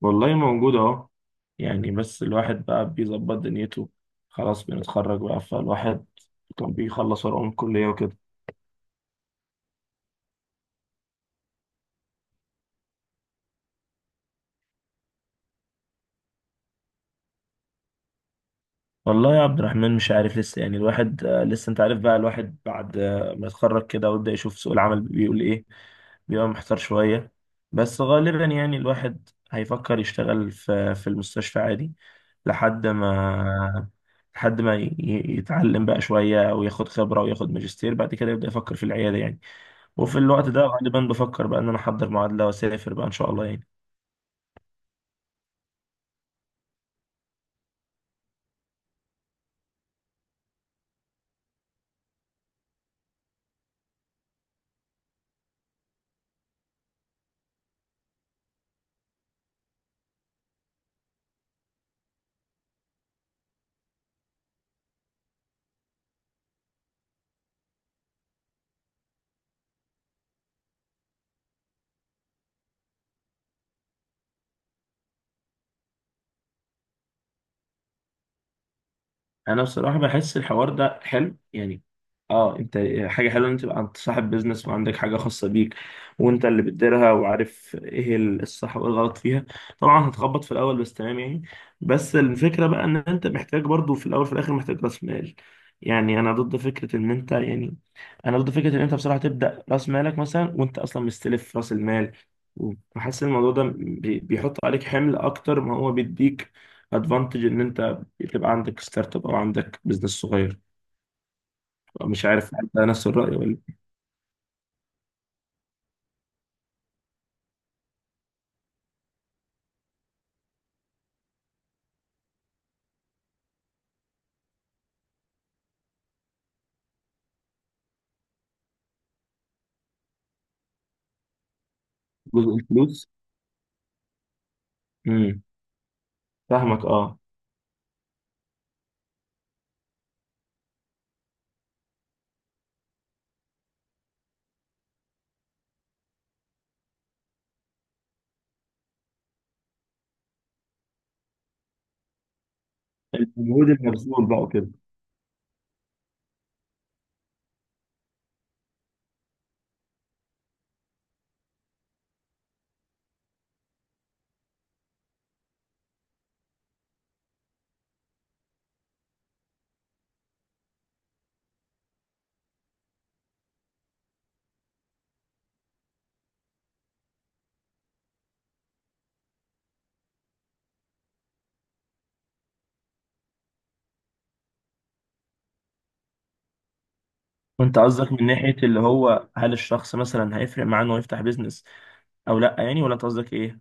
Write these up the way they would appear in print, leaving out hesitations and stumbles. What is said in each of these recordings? والله موجود اهو. يعني بس الواحد بقى بيظبط دنيته، خلاص بنتخرج بقى فالواحد كان بيخلص ورقه من الكلية وكده. والله يا عبد الرحمن، مش عارف لسه. يعني الواحد لسه انت عارف، بقى الواحد بعد ما يتخرج كده ويبدأ يشوف سوق العمل بيقول ايه. بيبقى محتار شوية. بس غالبا يعني الواحد هيفكر يشتغل في المستشفى عادي لحد ما لحد ما يتعلم بقى شوية وياخد خبرة وياخد ماجستير، بعد كده يبدأ يفكر في العيادة يعني. وفي الوقت ده غالبا بفكر بقى ان انا احضر معادله واسافر بقى ان شاء الله يعني. انا بصراحه بحس الحوار ده حلو يعني. اه انت، حاجه حلوه ان انت تبقى انت صاحب بيزنس وعندك حاجه خاصه بيك، وانت اللي بتديرها وعارف ايه الصح وايه الغلط فيها. طبعا هتخبط في الاول بس تمام يعني. بس الفكره بقى ان انت محتاج، برضو في الاول وفي الاخر محتاج راس مال. يعني انا ضد فكره ان انت يعني انا ضد فكره ان انت بصراحه تبدا راس مالك مثلا وانت اصلا مستلف راس المال، وحاسس الموضوع ده بيحط عليك حمل اكتر ما هو بيديك. ادفانتج ان انت تبقى عندك ستارت اب او عندك بزنس صغير. مش عارف انت نفس الرأي ولا. جزء الفلوس. امم فاهمك اه. المجهود المبذول بقى وكده. وانت قصدك من ناحية اللي هو، هل الشخص مثلا هيفرق معاه انه يفتح بيزنس او لا يعني، ولا انت قصدك ايه؟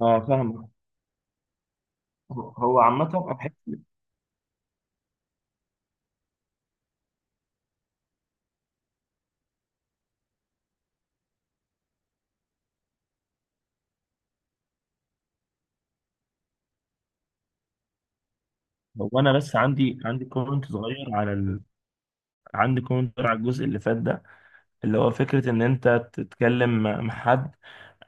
اه فاهمك. هو عامة أنا انا بس عندي، كومنت صغير على. عندي كومنت على الجزء اللي فات ده، اللي هو فكرة ان انت تتكلم مع حد،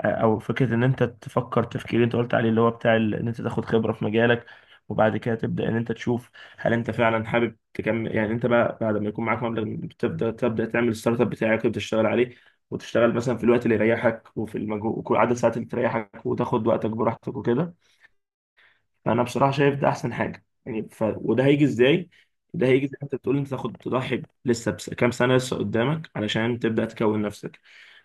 او فكره ان انت تفكر تفكير اللي انت قلت عليه، اللي هو بتاع ان انت تاخد خبره في مجالك، وبعد كده تبدا ان انت تشوف هل انت فعلا حابب تكمل. يعني انت بقى بعد ما يكون معاك مبلغ تبدا تعمل الستارت اب بتاعك وتبدا تشتغل عليه، وتشتغل مثلا في الوقت اللي يريحك وفي المجهود وعدد الساعات اللي تريحك وتاخد وقتك براحتك وكده. فانا بصراحه شايف ده احسن حاجه يعني. وده هيجي ازاي؟ ده هيجي زي ما انت بتقول، انت تاخد تضحي لسه بس كام سنه لسه قدامك علشان تبدا تكون نفسك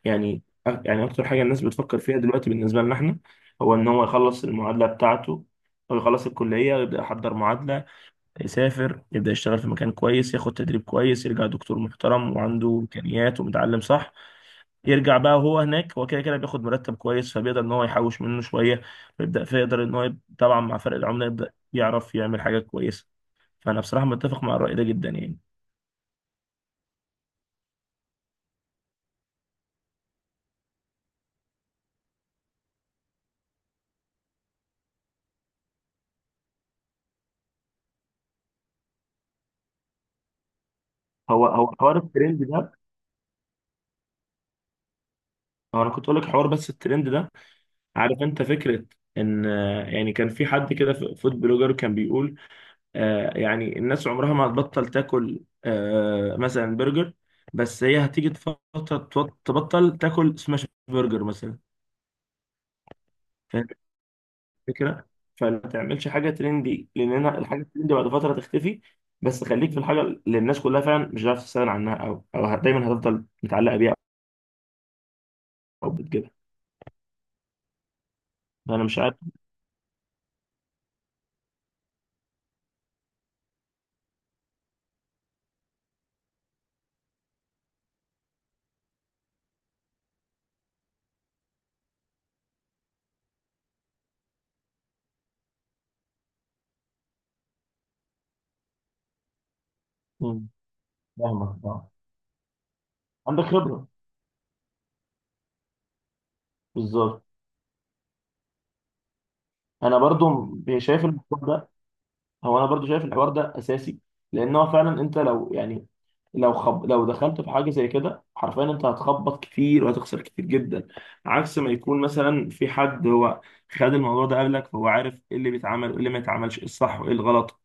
يعني. يعني اكتر حاجه الناس بتفكر فيها دلوقتي بالنسبه لنا احنا، هو ان هو يخلص المعادله بتاعته، او يخلص الكليه يبدا يحضر معادله، يسافر يبدا يشتغل في مكان كويس، ياخد تدريب كويس، يرجع دكتور محترم وعنده امكانيات ومتعلم صح. يرجع بقى هو هناك، هو كده كده بياخد مرتب كويس، فبيقدر ان هو يحوش منه شويه ويبدا فيقدر ان هو طبعا مع فرق العمله يبدا يعرف يعمل حاجه كويسه. فانا بصراحه متفق مع الراي ده جدا يعني. هو حوار الترند ده، هو انا كنت اقول لك حوار بس الترند ده. عارف انت فكره ان، يعني كان في حد كده فود بلوجر كان بيقول، يعني الناس عمرها ما هتبطل تاكل مثلا برجر، بس هي هتيجي فتره تبطل تاكل سماش برجر مثلا. فكرة، فما تعملش حاجة ترندي لأن أنا الحاجة الترندي بعد فترة تختفي. بس خليك في الحاجة اللي الناس كلها فعلا مش هتعرف تستغنى عنها، دايما هتفضل متعلقة بيها أو بتجيبها. أنا مش عارف. مم. فاهمك آه. عندك خبرة، بالظبط. أنا برضو شايف الموضوع ده، هو انا برضو شايف الحوار ده اساسي، لان هو فعلا انت لو يعني، لو دخلت في حاجه زي كده حرفيا انت هتخبط كتير وهتخسر كتير جدا، عكس ما يكون مثلا في حد هو خد الموضوع ده قبلك، فهو عارف ايه اللي بيتعمل وايه اللي ما يتعملش، ايه الصح وايه الغلط.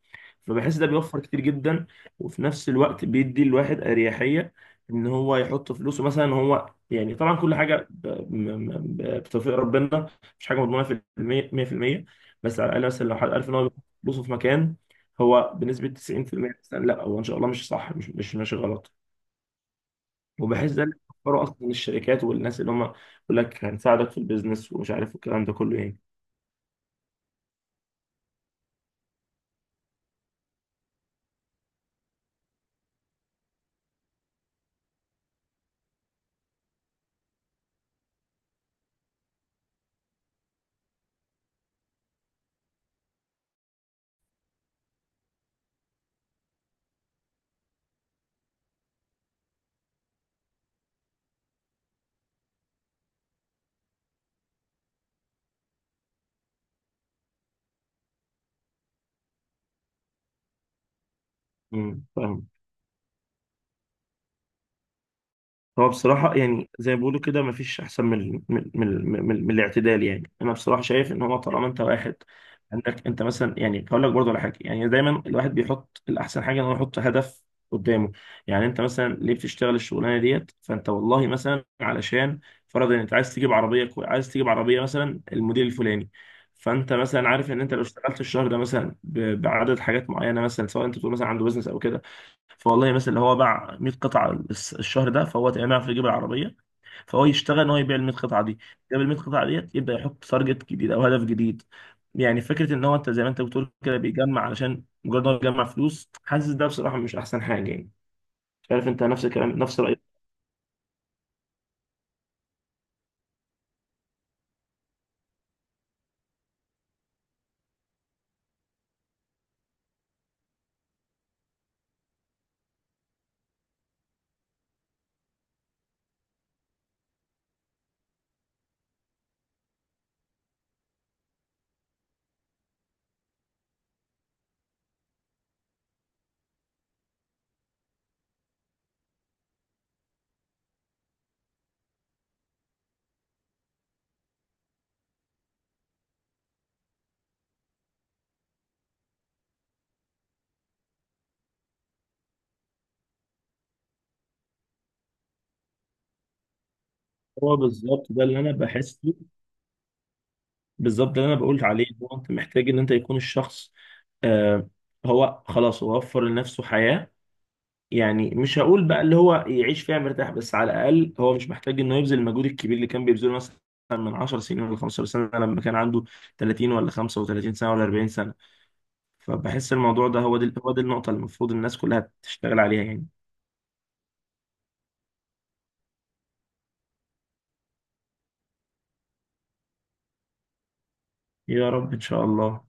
فبحس ده بيوفر كتير جدا، وفي نفس الوقت بيدي الواحد اريحيه ان هو يحط فلوسه مثلا هو. يعني طبعا كل حاجه بتوفيق ربنا، مش حاجه مضمونه 100%. بس على الاقل مثلا لو حد عارف ان هو بصوا في مكان هو بنسبة 90% مثلاً، لا هو ان شاء الله مش صح، مش ماشي غلط. وبحس ده اللي بيفكروا اصلا الشركات والناس اللي هم يقول لك هنساعدك في البيزنس ومش عارف الكلام ده كله يعني. فاهم. هو بصراحة يعني زي ما بيقولوا كده مفيش أحسن من الاعتدال. يعني أنا بصراحة شايف إن هو طالما أنت واحد، عندك أنت مثلا، يعني هقول لك برضه على حاجة، يعني دايما الواحد بيحط الأحسن حاجة إن هو يحط هدف قدامه. يعني أنت مثلا ليه بتشتغل الشغلانة ديت؟ فأنت والله مثلا علشان فرضا أنت عايز تجيب عربية مثلا الموديل الفلاني. فأنت مثلا عارف إن أنت لو اشتغلت الشهر ده مثلا بعدد حاجات معينة، مثلا سواء أنت بتقول مثلا عنده بزنس أو كده. فوالله مثلا لو هو باع 100 قطعه الشهر ده فهو تقريبا يعرف يجيب العربيه. فهو يشتغل ان هو يبيع ال 100 قطعه دي، جاب ال 100 قطعه ديت يبدا يحط تارجت جديد او هدف جديد. يعني فكره ان هو انت زي ما انت بتقول كده بيجمع علشان مجرد ان هو بيجمع فلوس، حاسس ده بصراحه مش احسن حاجه يعني. مش عارف انت نفس الكلام نفس رايك. هو بالظبط ده اللي انا بحسه. بالظبط ده اللي انا بقول عليه، هو انت محتاج ان انت يكون الشخص، آه هو خلاص هو وفر لنفسه حياه. يعني مش هقول بقى اللي هو يعيش فيها مرتاح، بس على الاقل هو مش محتاج انه يبذل المجهود الكبير اللي كان بيبذله مثلا من 10 سنين ولا 15 سنه، لما كان عنده 30 ولا 35 سنه ولا 40 سنه. فبحس الموضوع ده، هو دي النقطه اللي المفروض الناس كلها تشتغل عليها يعني. يا رب ان شاء الله.